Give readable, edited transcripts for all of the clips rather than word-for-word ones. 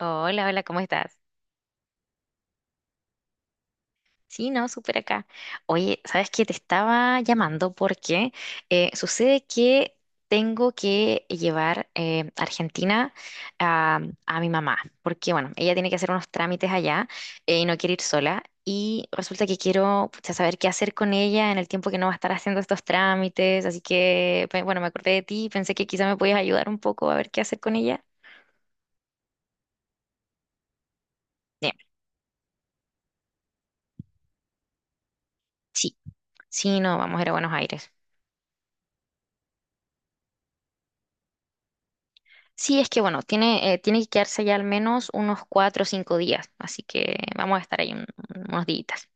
Hola, hola, ¿cómo estás? Sí, no, súper acá. Oye, ¿sabes qué? Te estaba llamando porque sucede que tengo que llevar a Argentina a, a mi mamá, porque bueno, ella tiene que hacer unos trámites allá, y no quiere ir sola. Y resulta que quiero pucha, saber qué hacer con ella en el tiempo que no va a estar haciendo estos trámites. Así que, bueno, me acordé de ti y pensé que quizá me podías ayudar un poco a ver qué hacer con ella. Bien, sí, sí, no, vamos a ir a Buenos Aires. Sí, es que bueno, tiene, tiene que quedarse allá al menos unos 4 o 5 días, así que vamos a estar ahí unos días.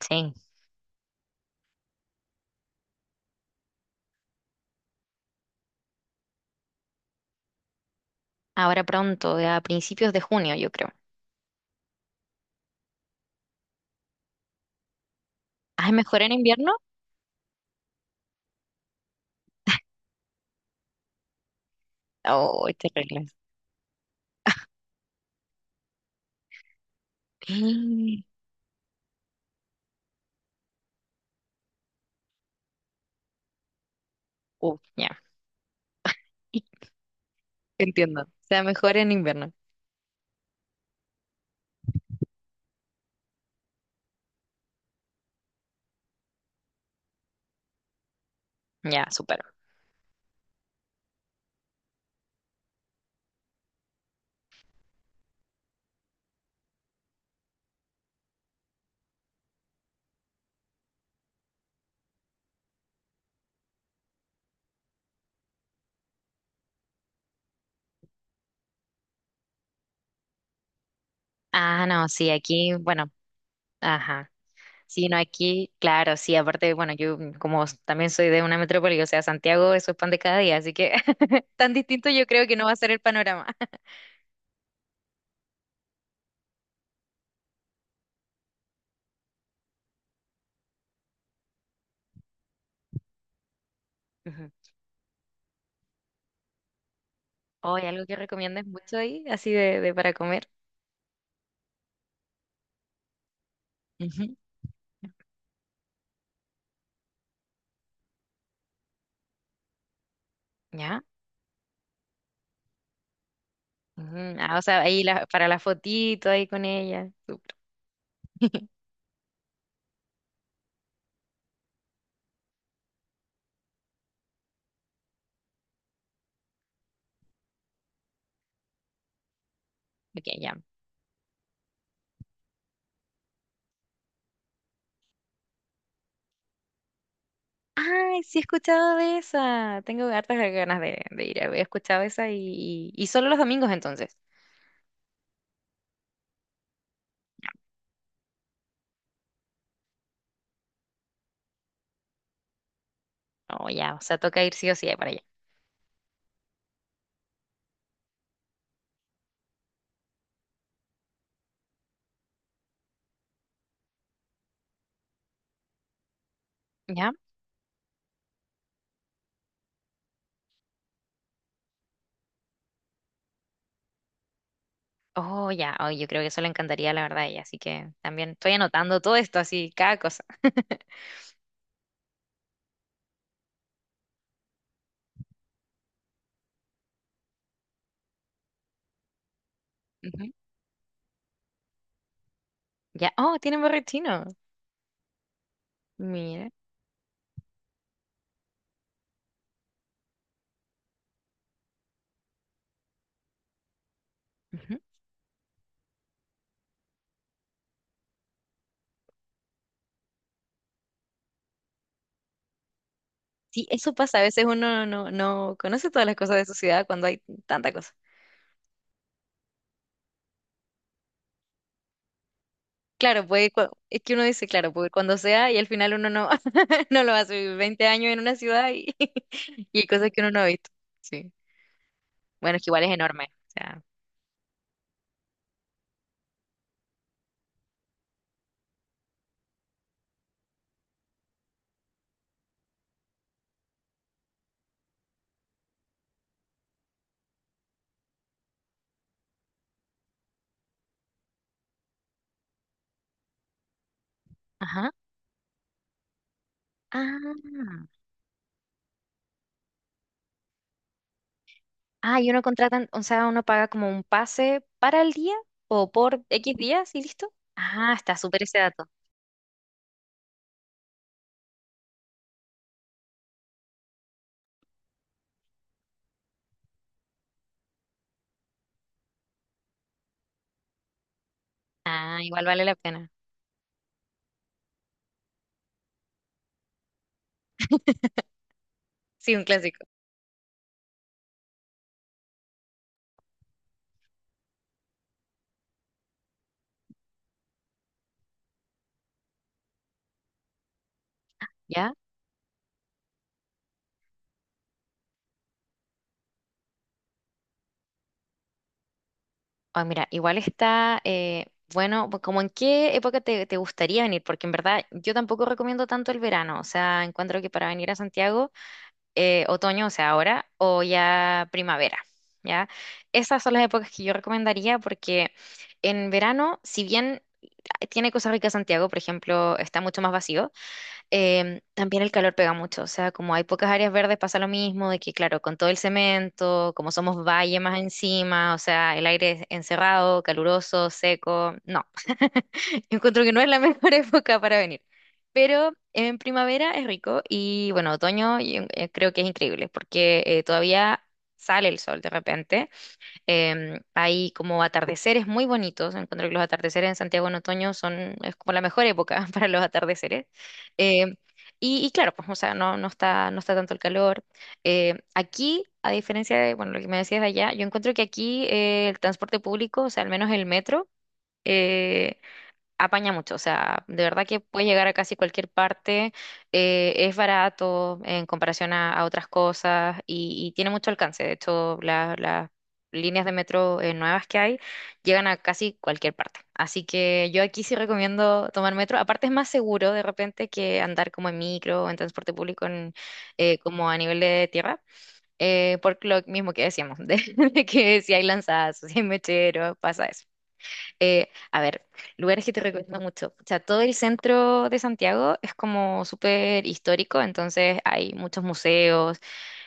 Sí, ahora pronto, a principios de junio, yo creo. ¿Ah, es mejor en invierno? Oh, te arreglas. Ya, entiendo. O sea, mejor en invierno. Ya, súper. Ah, no, sí, aquí, bueno, ajá. Sí, no, aquí, claro, sí, aparte, bueno, yo también soy de una metrópoli, o sea, Santiago, eso es pan de cada día, así que tan distinto yo creo que no va a ser el panorama. Hoy algo que recomiendas mucho ahí, así de para comer. Ujú. ¿Ya? Ujú. Ah, o sea, para la fotito ahí con ella. Súper. Ok, ya. Ay, sí he escuchado de esa. Tengo hartas ganas de ir. He escuchado esa y solo los domingos entonces. Oh, ya. O sea, toca ir sí o sí para allá. ¿Ya? Oh, ya. Oh, yo creo que eso le encantaría, la verdad, a ella. Así que también estoy anotando todo esto, así, cada cosa. Ujú. Ya. Oh, tiene borrachino. Mira. Sí, eso pasa. A veces uno no conoce todas las cosas de su ciudad cuando hay tanta cosa. Claro, puede, es que uno dice, claro, puede cuando sea y al final uno no, no lo hace. Vivir 20 años en una ciudad y, y hay cosas que uno no ha visto. Sí. Bueno, es que igual es enorme. O sea, ajá. Ah, ah, y uno contratan, o sea, uno paga como un pase para el día o por X días y listo. Ah, está súper ese dato. Ah, igual vale la pena. Sí, un clásico. ¿Ya? Ah, mira, igual está, bueno, pues como en qué época te gustaría venir, porque en verdad yo tampoco recomiendo tanto el verano, o sea, encuentro que para venir a Santiago, otoño, o sea, ahora, o ya primavera, ¿ya? Esas son las épocas que yo recomendaría porque en verano, si bien ah, tiene cosas ricas Santiago, por ejemplo, está mucho más vacío. Em, también el calor pega mucho, o sea, como hay pocas áreas verdes pasa lo mismo, de que claro, con todo el cemento, como somos valle más encima, o sea, el aire es encerrado, caluroso, seco, no, encuentro que no es la mejor época para venir. Pero en primavera es rico y bueno, otoño yo, creo que es increíble porque todavía sale el sol de repente. Em, hay como atardeceres muy bonitos. Encuentro que los atardeceres en Santiago en otoño son, es como la mejor época para los atardeceres. Em, y claro, pues, o sea, no, no está tanto el calor. Em, aquí, a diferencia de, bueno, lo que me decías de allá, yo encuentro que aquí el transporte público, o sea, al menos el metro, eh, apaña mucho, o sea, de verdad que puedes llegar a casi cualquier parte, es barato en comparación a otras cosas y tiene mucho alcance. De hecho, las líneas de metro nuevas que hay llegan a casi cualquier parte. Así que yo aquí sí recomiendo tomar metro. Aparte es más seguro de repente que andar como en micro o en transporte público en, como a nivel de tierra. Eh, por lo mismo que decíamos, de que si hay lanzazos, si hay mecheros, pasa eso. A ver, lugares que te recomiendo mucho. O sea, todo el centro de Santiago es como súper histórico, entonces hay muchos museos.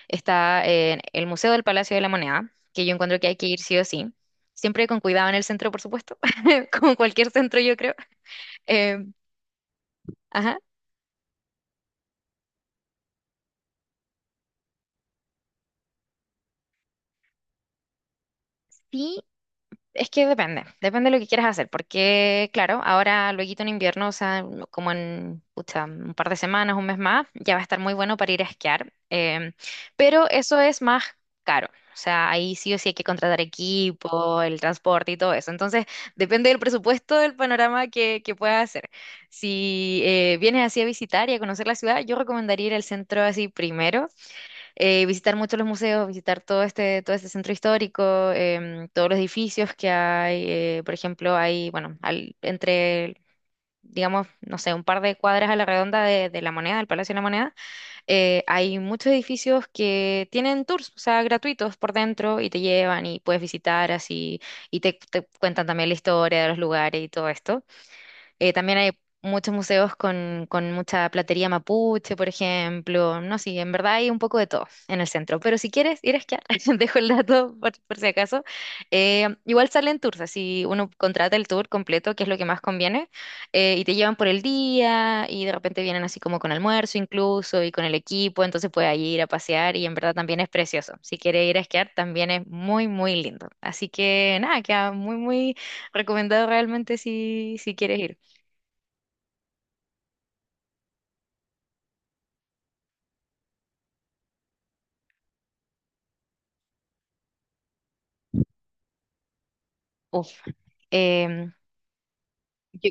Está el Museo del Palacio de la Moneda, que yo encuentro que hay que ir sí o sí. Siempre con cuidado en el centro, por supuesto, como cualquier centro, yo creo. Eh, ajá. Sí, es que depende, depende de lo que quieras hacer, porque claro, ahora luego en invierno, o sea, como en pucha, un par de semanas, un mes más, ya va a estar muy bueno para ir a esquiar, em, pero eso es más caro, o sea, ahí sí o sí hay que contratar equipo, el transporte y todo eso, entonces depende del presupuesto, del panorama que puedas hacer. Si vienes así a visitar y a conocer la ciudad, yo recomendaría ir al centro así primero, visitar mucho los museos, visitar todo este centro histórico, em, todos los edificios que hay. Eh, por ejemplo, hay, bueno, entre, digamos, no sé, un par de cuadras a la redonda de la Moneda, del Palacio de la Moneda, hay muchos edificios que tienen tours, o sea, gratuitos por dentro y te llevan y puedes visitar así y te cuentan también la historia de los lugares y todo esto. También hay muchos museos con mucha platería mapuche, por ejemplo. No, sí, en verdad hay un poco de todo en el centro. Pero si quieres ir a esquiar, dejo el dato por si acaso. Igual salen tours, así uno contrata el tour completo, que es lo que más conviene, y te llevan por el día y de repente vienen así como con almuerzo incluso y con el equipo, entonces puedes ahí ir a pasear y en verdad también es precioso. Si quieres ir a esquiar, también es muy, muy lindo. Así que nada, queda muy, muy recomendado realmente si, si quieres ir. Uf, em, yo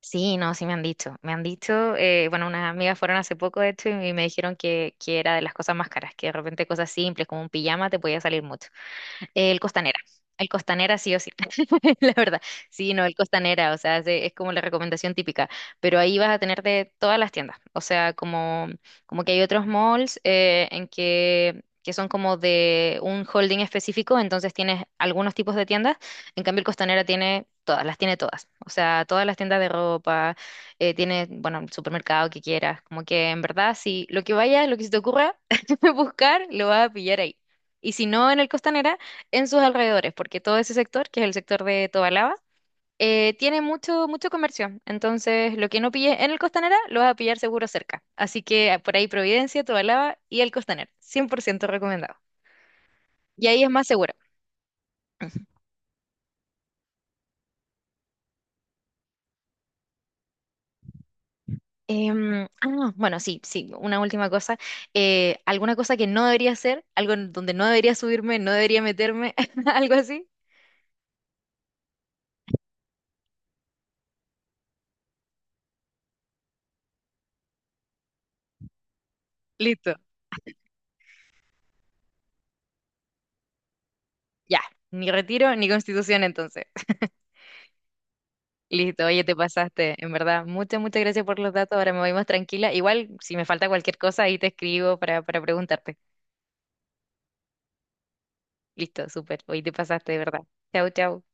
sí, no, sí me han dicho. Me han dicho, bueno, unas amigas fueron hace poco de hecho y me dijeron que era de las cosas más caras, que de repente cosas simples como un pijama te podía salir mucho. El Costanera. El Costanera sí o sí, la verdad. Sí, no, el Costanera, o sea, es, es como la recomendación típica, pero ahí vas a tener de todas las tiendas, o sea, como, como que hay otros malls en que son como de un holding específico, entonces tienes algunos tipos de tiendas, en cambio el Costanera tiene todas, las tiene todas, o sea, todas las tiendas de ropa, tiene, bueno, el supermercado que quieras, como que en verdad, si lo que vaya, lo que se te ocurra buscar, lo vas a pillar ahí. Y si no en el Costanera, en sus alrededores, porque todo ese sector, que es el sector de Tobalaba, tiene mucho, mucho comercio. Entonces, lo que no pille en el Costanera, lo vas a pillar seguro cerca. Así que ah, por ahí Providencia, Tobalaba y el Costanera, 100% recomendado. Y ahí es más seguro. Em, ah, bueno, sí, sí, una última cosa. ¿Alguna cosa que no debería hacer? ¿Algo en donde no debería subirme, no debería meterme? ¿Algo así? Listo. Ya, ni Retiro ni Constitución entonces. Listo, oye, te pasaste, en verdad. Muchas, muchas gracias por los datos. Ahora me voy más tranquila. Igual, si me falta cualquier cosa, ahí te escribo para preguntarte. Listo, súper. Hoy te pasaste, de verdad. Chau, chau.